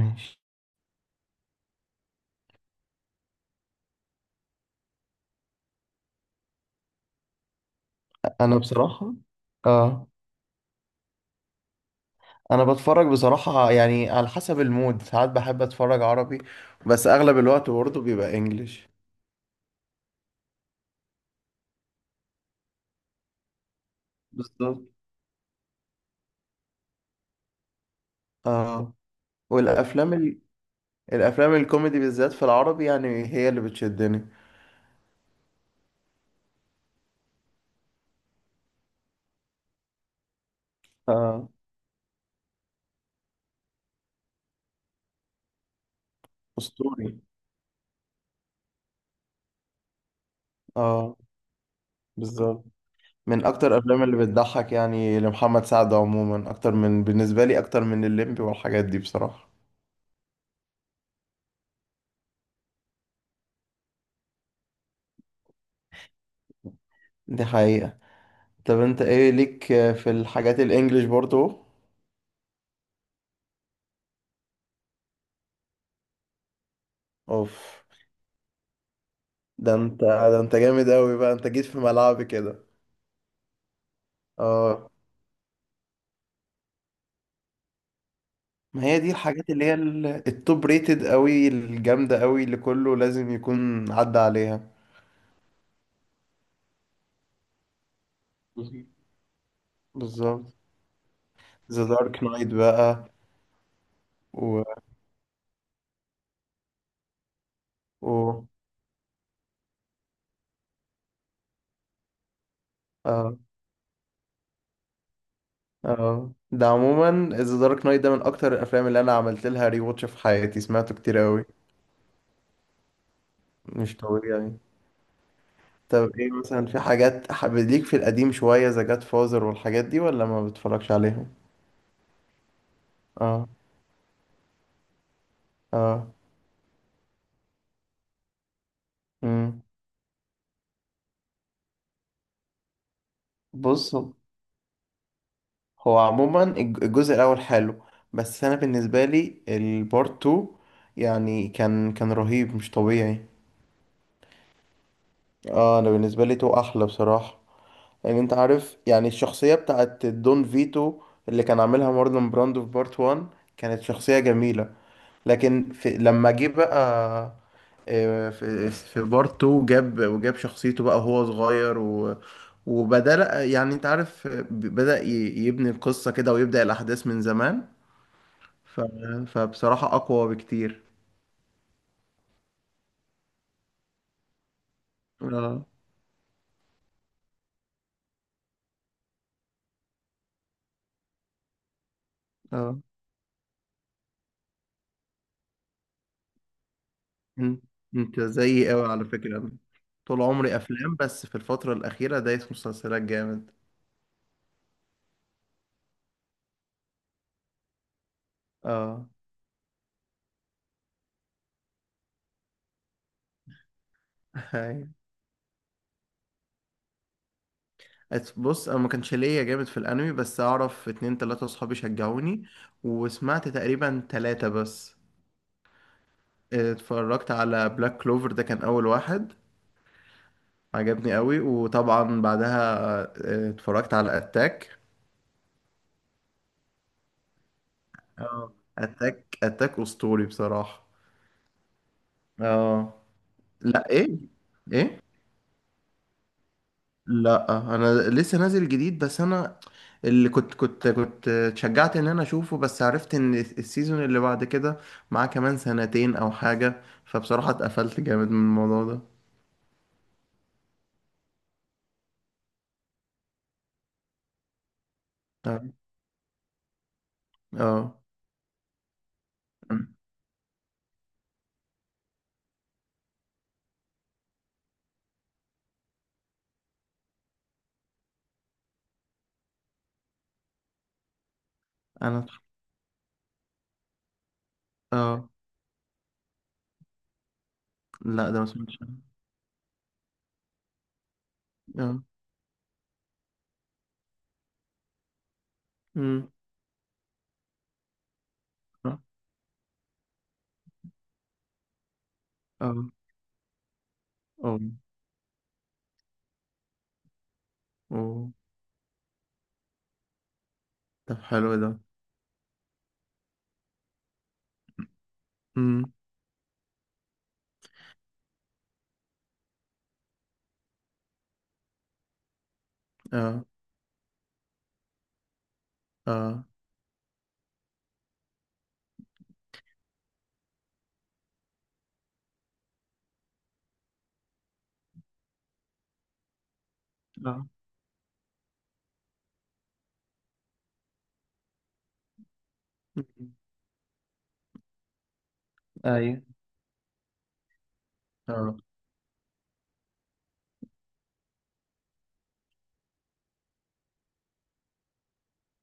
ماشي. انا بصراحه، اه، انا بتفرج بصراحه، يعني على حسب المود. ساعات بحب اتفرج عربي، بس اغلب الوقت برضه بيبقى انجليش. بالظبط. اه. والافلام الافلام الكوميدي بالذات في العربي يعني هي اللي بتشدني. اه. اسطوري. اه. بالظبط. من اكتر الافلام اللي بتضحك يعني، لمحمد سعد عموما اكتر من، بالنسبه لي اكتر من الليمبي والحاجات دي بصراحه. دي حقيقه. طب انت ايه ليك في الحاجات الانجليش برضه؟ اوف. ده انت جامد قوي بقى، انت جيت في ملعبي كده. اه. ما هي دي الحاجات اللي هي التوب ريتد قوي، الجامدة قوي اللي كله لازم يكون عدى عليها. بالظبط. بالظبط. ذا دارك نايت بقى. و. و. اه. اه. ده عموما ذا دارك نايت ده من اكتر الافلام اللي انا عملت لها ري واتش في حياتي، سمعته كتير قوي. مش طبيعي. طب ايه مثلا، في حاجات حابب ليك في القديم شوية، ذا جاد فازر والحاجات دي، ولا ما بتتفرجش عليهم؟ اه. اه. بص، هو عموما الجزء الاول حلو، بس انا بالنسبه لي البارت 2 يعني كان رهيب، مش طبيعي. اه، انا بالنسبه لي 2 احلى بصراحه. يعني انت عارف، يعني الشخصيه بتاعت دون فيتو اللي كان عاملها مارلون براندو في بارت 1 كانت شخصيه جميله. لكن في لما جه بقى، في بارت 2 جاب، وجاب شخصيته بقى وهو صغير، و، وبدأ يعني انت عارف، بدأ يبني القصة كده ويبدأ الأحداث من زمان. ف... فبصراحة أقوى بكتير. اه. اه. ان- انت زيي قوي على فكرة. أنا طول عمري أفلام، بس في الفترة الأخيرة دايس مسلسلات جامد. اه. بص، انا ما كانش ليا جامد في الانمي، بس اعرف اتنين تلاتة اصحابي شجعوني، وسمعت تقريبا تلاتة بس. اتفرجت على بلاك كلوفر، ده كان اول واحد. عجبني قوي، وطبعا بعدها اه، اتفرجت على اتاك. اه. اتاك، اتاك اسطوري بصراحة. اه. لا، ايه؟ ايه؟ لا، انا لسه نازل جديد، بس انا اللي كنت اتشجعت ان انا اشوفه، بس عرفت ان السيزون اللي بعد كده معاه كمان سنتين او حاجة، فبصراحة اتقفلت جامد من الموضوع ده. اه. اه. انا. اه. لا ده ما سمعتش عنه. اه. امم. اه. اه. اه. اه. طب حلو ده. امم. اه. اه. اه. امم. ايوه. اه.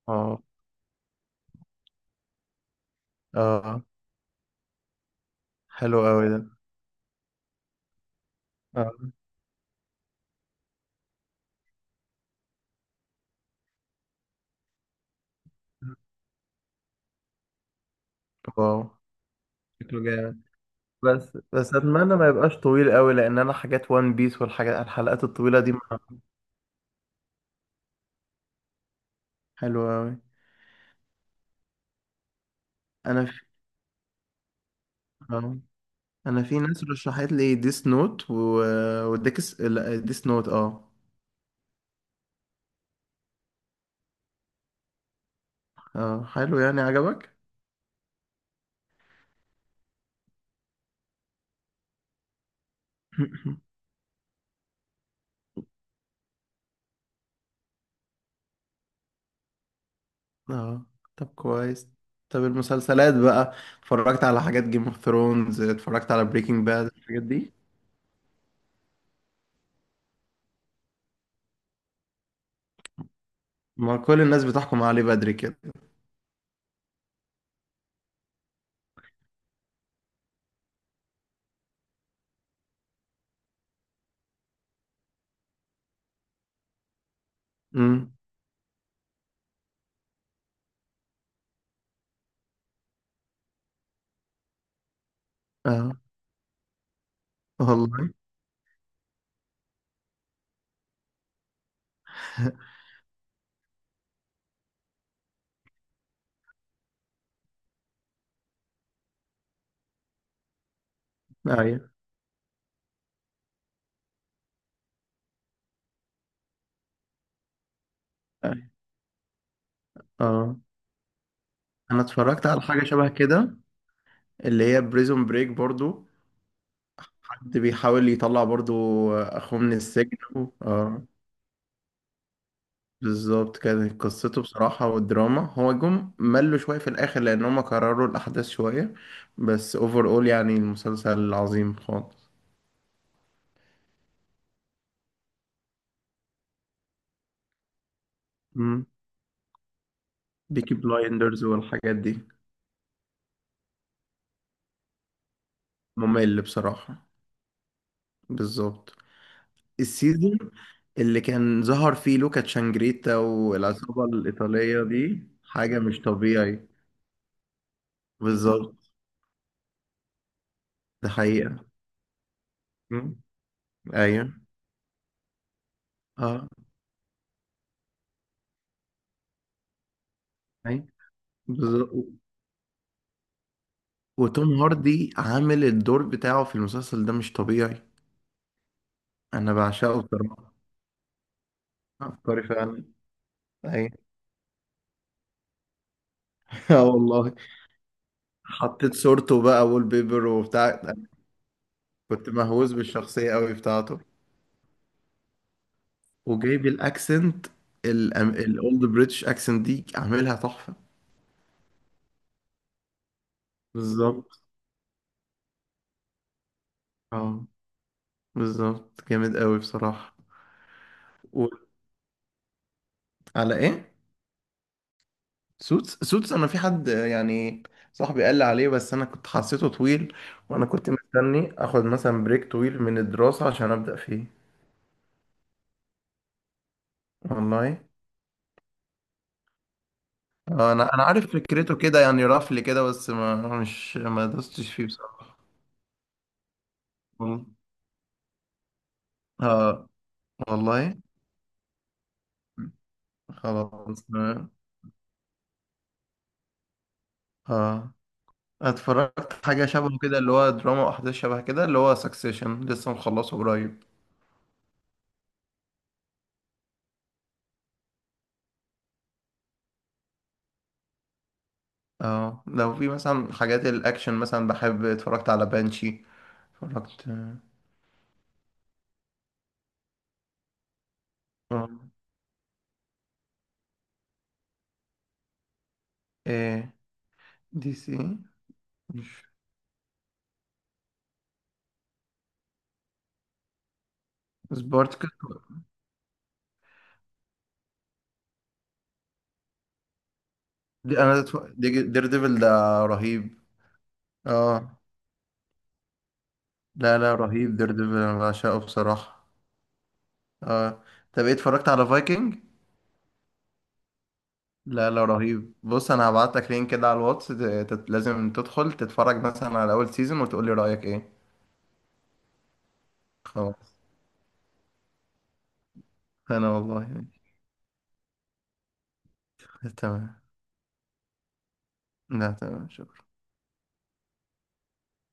اه. اه. حلو قوي ده. اه. واو، شكله جامد. بس اتمنى ما يبقاش طويل قوي، لان انا حاجات وان بيس والحاجات الحلقات الطويله دي حلوه قوي. انا في. آه. انا في ناس رشحت لي ديس نوت وديكس لا ديس نوت. اه. اه. حلو يعني، عجبك. اه. طب كويس. طب المسلسلات بقى، اتفرجت على حاجات جيم اوف ثرونز؟ اتفرجت على بريكنج باد، الحاجات دي. ما كل الناس بتحكم عليه بدري كده. امم. اه. والله. ايوه. أيوة. اه. انا اتفرجت على حاجه شبه كده، اللي هي بريزون بريك برضو، حد بيحاول يطلع برضو اخوه من السجن اه. بالظبط، كانت قصته بصراحة، والدراما هو جم ملوا شوية في الآخر لأن هما كرروا الأحداث شوية. بس اوفر اول يعني المسلسل عظيم خالص. امم. بيكي بلايندرز والحاجات دي. ممل بصراحة. بالظبط. السيزون اللي كان ظهر فيه لوكا تشانجريتا والعصابة الإيطالية دي، حاجة مش طبيعي. بالظبط. ده حقيقة. ايوه. اه. ايوه. بالظبط. وتوم هاردي عامل الدور بتاعه في المسلسل ده مش طبيعي. انا بعشقه بصراحه. عبقري فعلا. ايوه. اه والله. حطيت صورته بقى وول بيبر وبتاع. كنت مهووس بالشخصيه قوي بتاعته. وجايب الاكسنت، الاولد بريتش اكسنت دي عاملها تحفه. بالظبط. اه. بالظبط، جامد قوي بصراحه. وعلى ايه؟ سوتس؟ سوتس انا في حد، يعني صاحبي قال لي عليه، بس انا كنت حسيته طويل، وانا كنت مستني اخد مثلا بريك طويل من الدراسة عشان ابدأ فيه. والله. انا، انا عارف فكرته كده، يعني رفل كده، بس ما دوستش فيه بصراحة. والله. اه والله. خلاص. اه. اتفرجت حاجة شبه كده، اللي هو دراما واحداث شبه كده، اللي هو سكسيشن، لسه مخلصه قريب. اه، لو في مثلا حاجات الاكشن مثلا بحب، اتفرجت على بانشي. اتفرجت. آه، ايه دي سي؟ مش سبارتكس. دي انا دي دير ديفل ده رهيب. اه. لا لا، رهيب، دير ديفل انا بعشقه بصراحة. اه. طب ايه، اتفرجت على فايكنج؟ لا لا، رهيب. بص انا هبعت لك لينك كده على الواتس، لازم تدخل تتفرج مثلا على اول سيزون وتقولي رأيك ايه. خلاص. انا والله. تمام. لا، تمام.